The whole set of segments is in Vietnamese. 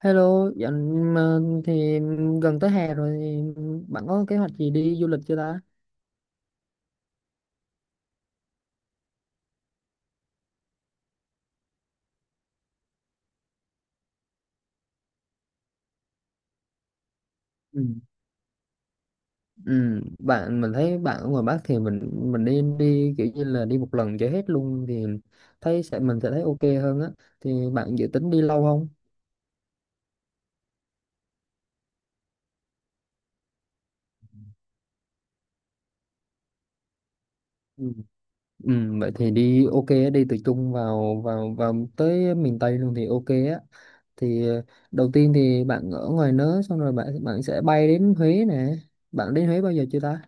Hello, dạo mà thì gần tới hè rồi thì bạn có kế hoạch gì đi du lịch chưa ta? Ừ. Ừ, bạn mình thấy bạn ở ngoài Bắc thì mình đi đi kiểu như là đi một lần cho hết luôn thì thấy sẽ mình sẽ thấy ok hơn á. Thì bạn dự tính đi lâu không? Ừ. Ừ, vậy thì đi ok á, đi từ Trung vào vào vào tới miền Tây luôn thì ok á. Thì đầu tiên thì bạn ở ngoài nớ xong rồi bạn bạn sẽ bay đến Huế nè. Bạn đến Huế bao giờ chưa ta?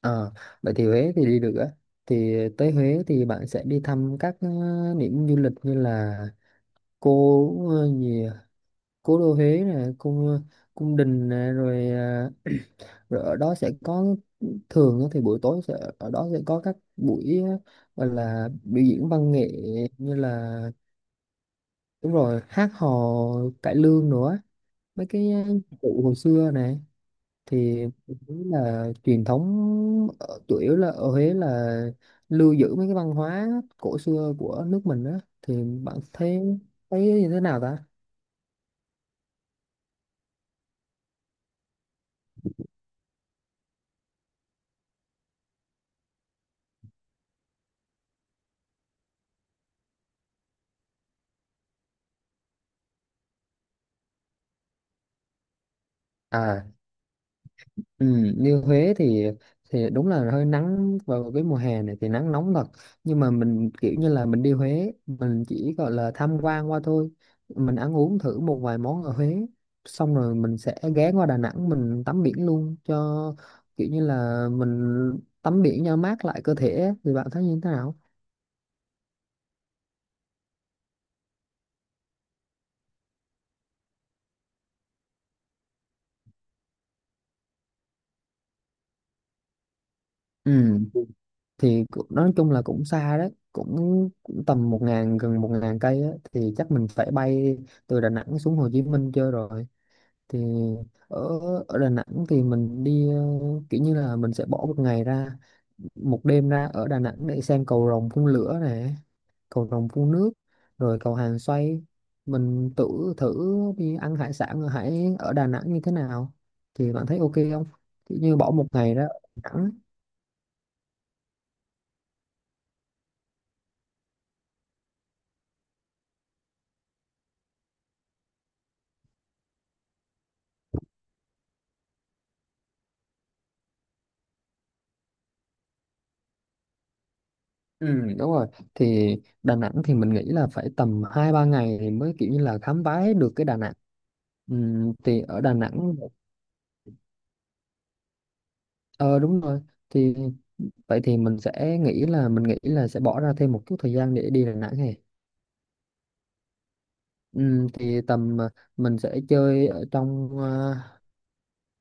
Ờ, vậy thì Huế thì đi được á. Thì tới Huế thì bạn sẽ đi thăm các điểm du lịch như là gì à? Cố đô Huế nè, cung đình nè, rồi, rồi ở đó sẽ có thường á thì buổi tối ở đó sẽ có các buổi gọi là biểu diễn văn nghệ như là đúng rồi, hát hò cải lương nữa, mấy cái cụ hồi xưa nè thì thấy là truyền thống, chủ yếu là ở Huế là lưu giữ mấy cái văn hóa cổ xưa của nước mình á, thì bạn thấy thấy như thế nào ta? À. Ừ, như Huế thì đúng là hơi nắng, vào cái mùa hè này thì nắng nóng thật, nhưng mà mình kiểu như là mình đi Huế mình chỉ gọi là tham quan qua thôi, mình ăn uống thử một vài món ở Huế xong rồi mình sẽ ghé qua Đà Nẵng mình tắm biển luôn cho kiểu như là mình tắm biển cho mát lại cơ thể á. Thì bạn thấy như thế nào? Ừ, thì nói chung là cũng xa đấy, cũng tầm một ngàn gần 1.000 cây á thì chắc mình phải bay từ Đà Nẵng xuống Hồ Chí Minh chơi rồi. Thì ở ở Đà Nẵng thì mình đi kiểu như là mình sẽ bỏ một ngày ra, một đêm ra ở Đà Nẵng để xem cầu rồng phun lửa nè, cầu rồng phun nước, rồi cầu hàng xoay. Mình tự thử đi ăn hải sản ở Đà Nẵng như thế nào, thì bạn thấy ok không, kiểu như bỏ một ngày ra ở Đà Nẵng. Ừ, đúng rồi, thì Đà Nẵng thì mình nghĩ là phải tầm 2-3 ngày thì mới kiểu như là khám phá hết được cái Đà Nẵng. Thì ở Đà Nẵng ờ đúng rồi, thì vậy thì mình nghĩ là sẽ bỏ ra thêm một chút thời gian để đi Đà Nẵng này. Thì tầm mình sẽ chơi ở trong ờ,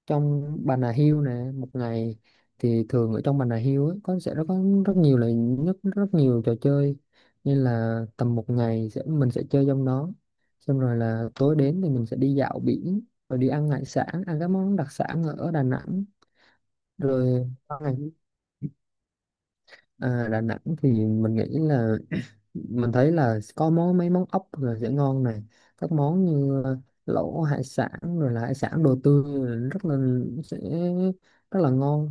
trong Bà Nà Hills nè một ngày. Thì thường ở trong Bà Nà Hills ấy, có sẽ nó có rất nhiều là rất rất nhiều trò chơi nên là tầm một ngày mình sẽ chơi trong đó, xong rồi là tối đến thì mình sẽ đi dạo biển, rồi đi ăn hải sản, ăn các món đặc sản ở Đà Nẵng. Rồi sau ngày à, Đà Nẵng thì mình nghĩ là mình thấy là có mấy món ốc là sẽ ngon này, các món như lẩu hải sản, rồi là hải sản đồ tươi là sẽ rất là ngon.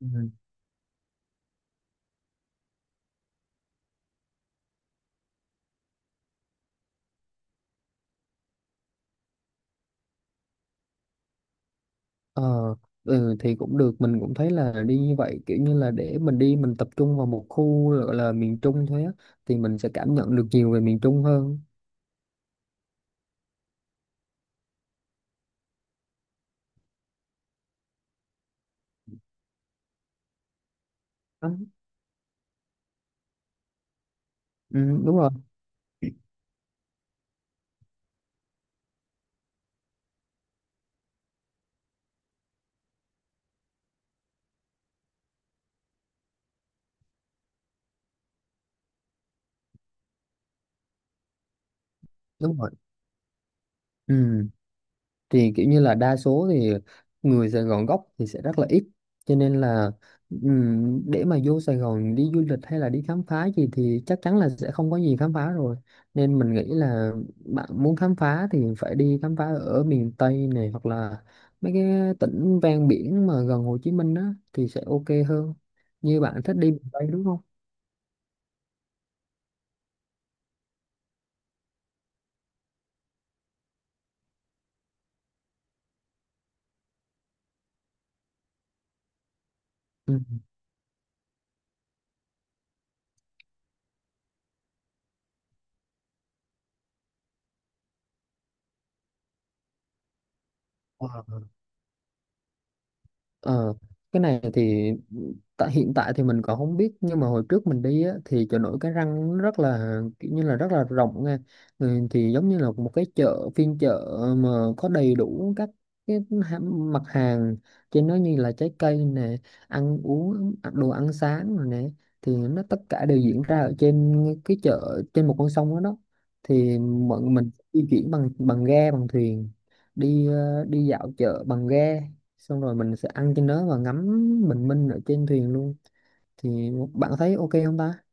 Ừ. Ờ, ừ, thì cũng được, mình cũng thấy là đi như vậy kiểu như là để mình đi mình tập trung vào một khu gọi là miền Trung thôi á, thì mình sẽ cảm nhận được nhiều về miền Trung hơn. Đó. Ừ, đúng rồi, đúng rồi. Ừ, thì kiểu như là đa số thì người Sài Gòn gốc thì sẽ rất là ít, cho nên là để mà vô Sài Gòn đi du lịch hay là đi khám phá gì thì chắc chắn là sẽ không có gì khám phá rồi, nên mình nghĩ là bạn muốn khám phá thì phải đi khám phá ở miền Tây này, hoặc là mấy cái tỉnh ven biển mà gần Hồ Chí Minh á thì sẽ ok hơn, như bạn thích đi miền Tây đúng không? Ừ. Wow. Ờ, cái này thì tại hiện tại thì mình còn không biết, nhưng mà hồi trước mình đi á, thì chợ nổi Cái Răng nó rất là kiểu như là rất là rộng nha. Ừ, thì giống như là một cái chợ, phiên chợ mà có đầy đủ các cái ha- mặt hàng trên nó, như là trái cây nè, ăn uống à, đồ ăn sáng rồi nè, thì nó tất cả đều diễn ra ở trên cái chợ, trên một con sông đó đó. Thì bọn mình di chuyển bằng bằng ghe bằng thuyền, đi dạo chợ bằng ghe, xong rồi mình sẽ ăn trên đó và ngắm bình minh ở trên thuyền luôn. Thì bạn thấy ok không ta?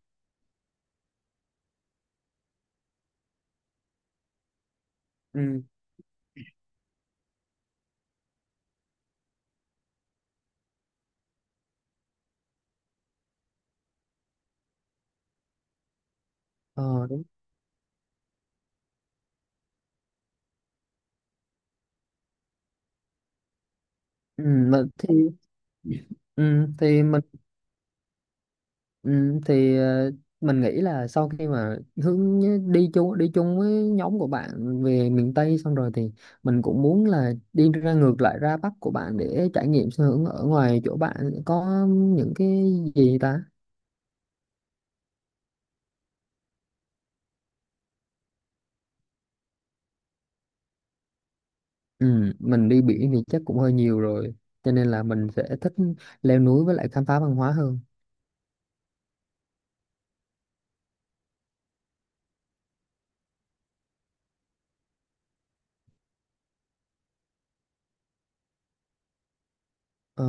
Ừ. Ờ, đúng. Ừ, mà thì ừ, thì mình ừ, thì ờ, mình nghĩ là sau khi mà đi chung với nhóm của bạn về miền Tây xong rồi thì mình cũng muốn là đi ra ngược lại ra Bắc của bạn để trải nghiệm xem ở ở ngoài chỗ bạn có những cái gì ta. Ừ, mình đi biển thì chắc cũng hơi nhiều rồi, cho nên là mình sẽ thích leo núi với lại khám phá văn hóa hơn. Ờ.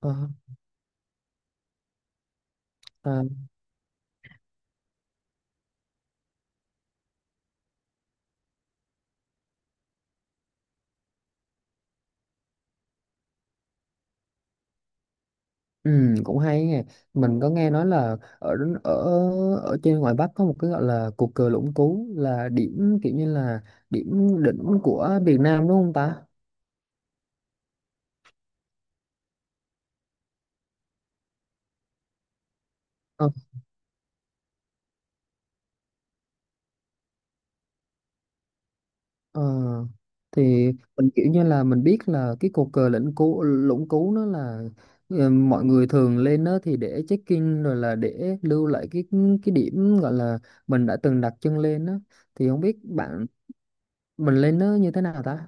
Ờ. Ờ. Ừ, cũng hay nghe, mình có nghe nói là ở ở ở trên ngoài Bắc có một cái gọi là cột cờ Lũng Cú, là điểm kiểu như là điểm đỉnh của Việt Nam đúng không ta? Ờ. Ờ, thì mình kiểu như là mình biết là cái cột cờ Lũng Cú Lũng Cú nó là mọi người thường lên đó thì để check-in, rồi là để lưu lại cái điểm gọi là mình đã từng đặt chân lên đó, thì không biết bạn mình lên đó như thế nào ta.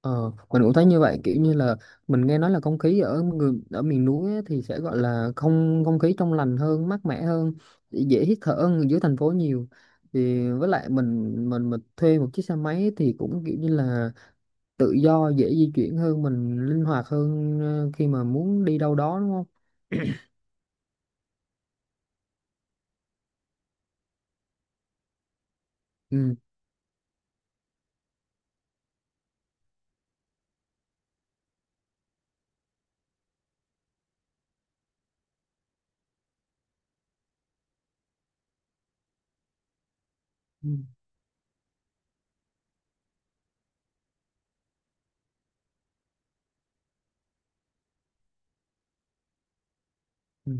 Ờ, mình cũng thấy như vậy, kiểu như là mình nghe nói là không khí ở người ở miền núi á thì sẽ gọi là không không khí trong lành hơn, mát mẻ hơn, dễ hít thở hơn dưới thành phố nhiều, thì với lại mình thuê một chiếc xe máy thì cũng kiểu như là tự do, dễ di chuyển hơn, mình linh hoạt hơn khi mà muốn đi đâu đó đúng không? Ừ. Ừ. Ừ.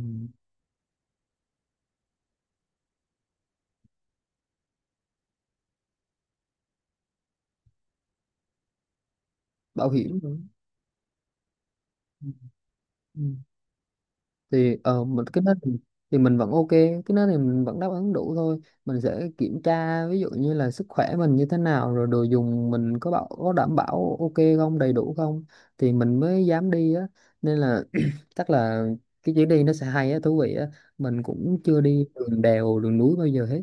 Bảo hiểm nữa. Ừ. Ừ. Thì mình cái đó thì mình vẫn ok, cái đó thì mình vẫn đáp ứng đủ thôi, mình sẽ kiểm tra ví dụ như là sức khỏe mình như thế nào, rồi đồ dùng mình có bảo có đảm bảo ok không, đầy đủ không, thì mình mới dám đi á, nên là chắc là cái chuyến đi nó sẽ hay á, thú vị á, mình cũng chưa đi đường đèo đường núi bao giờ hết,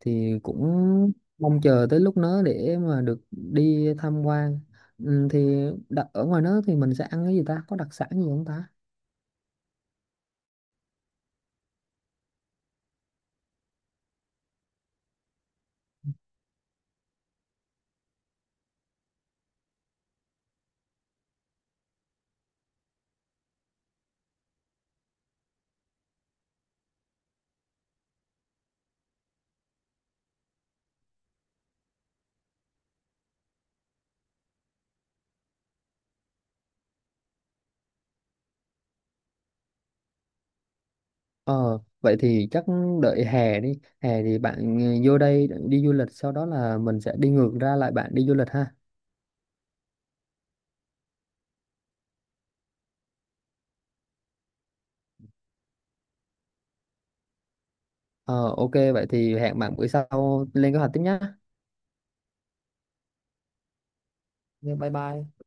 thì cũng mong chờ tới lúc nó để mà được đi tham quan. Ừ, thì đặt ở ngoài đó thì mình sẽ ăn cái gì ta, có đặc sản gì không ta? Ờ, vậy thì chắc đợi hè đi. Hè thì bạn, ừ, vô đây đi du lịch, sau đó là mình sẽ đi ngược ra lại bạn đi du lịch ha. Ờ, ok, vậy thì hẹn bạn bữa sau lên kế hoạch tiếp nhá. Ok, bye bye.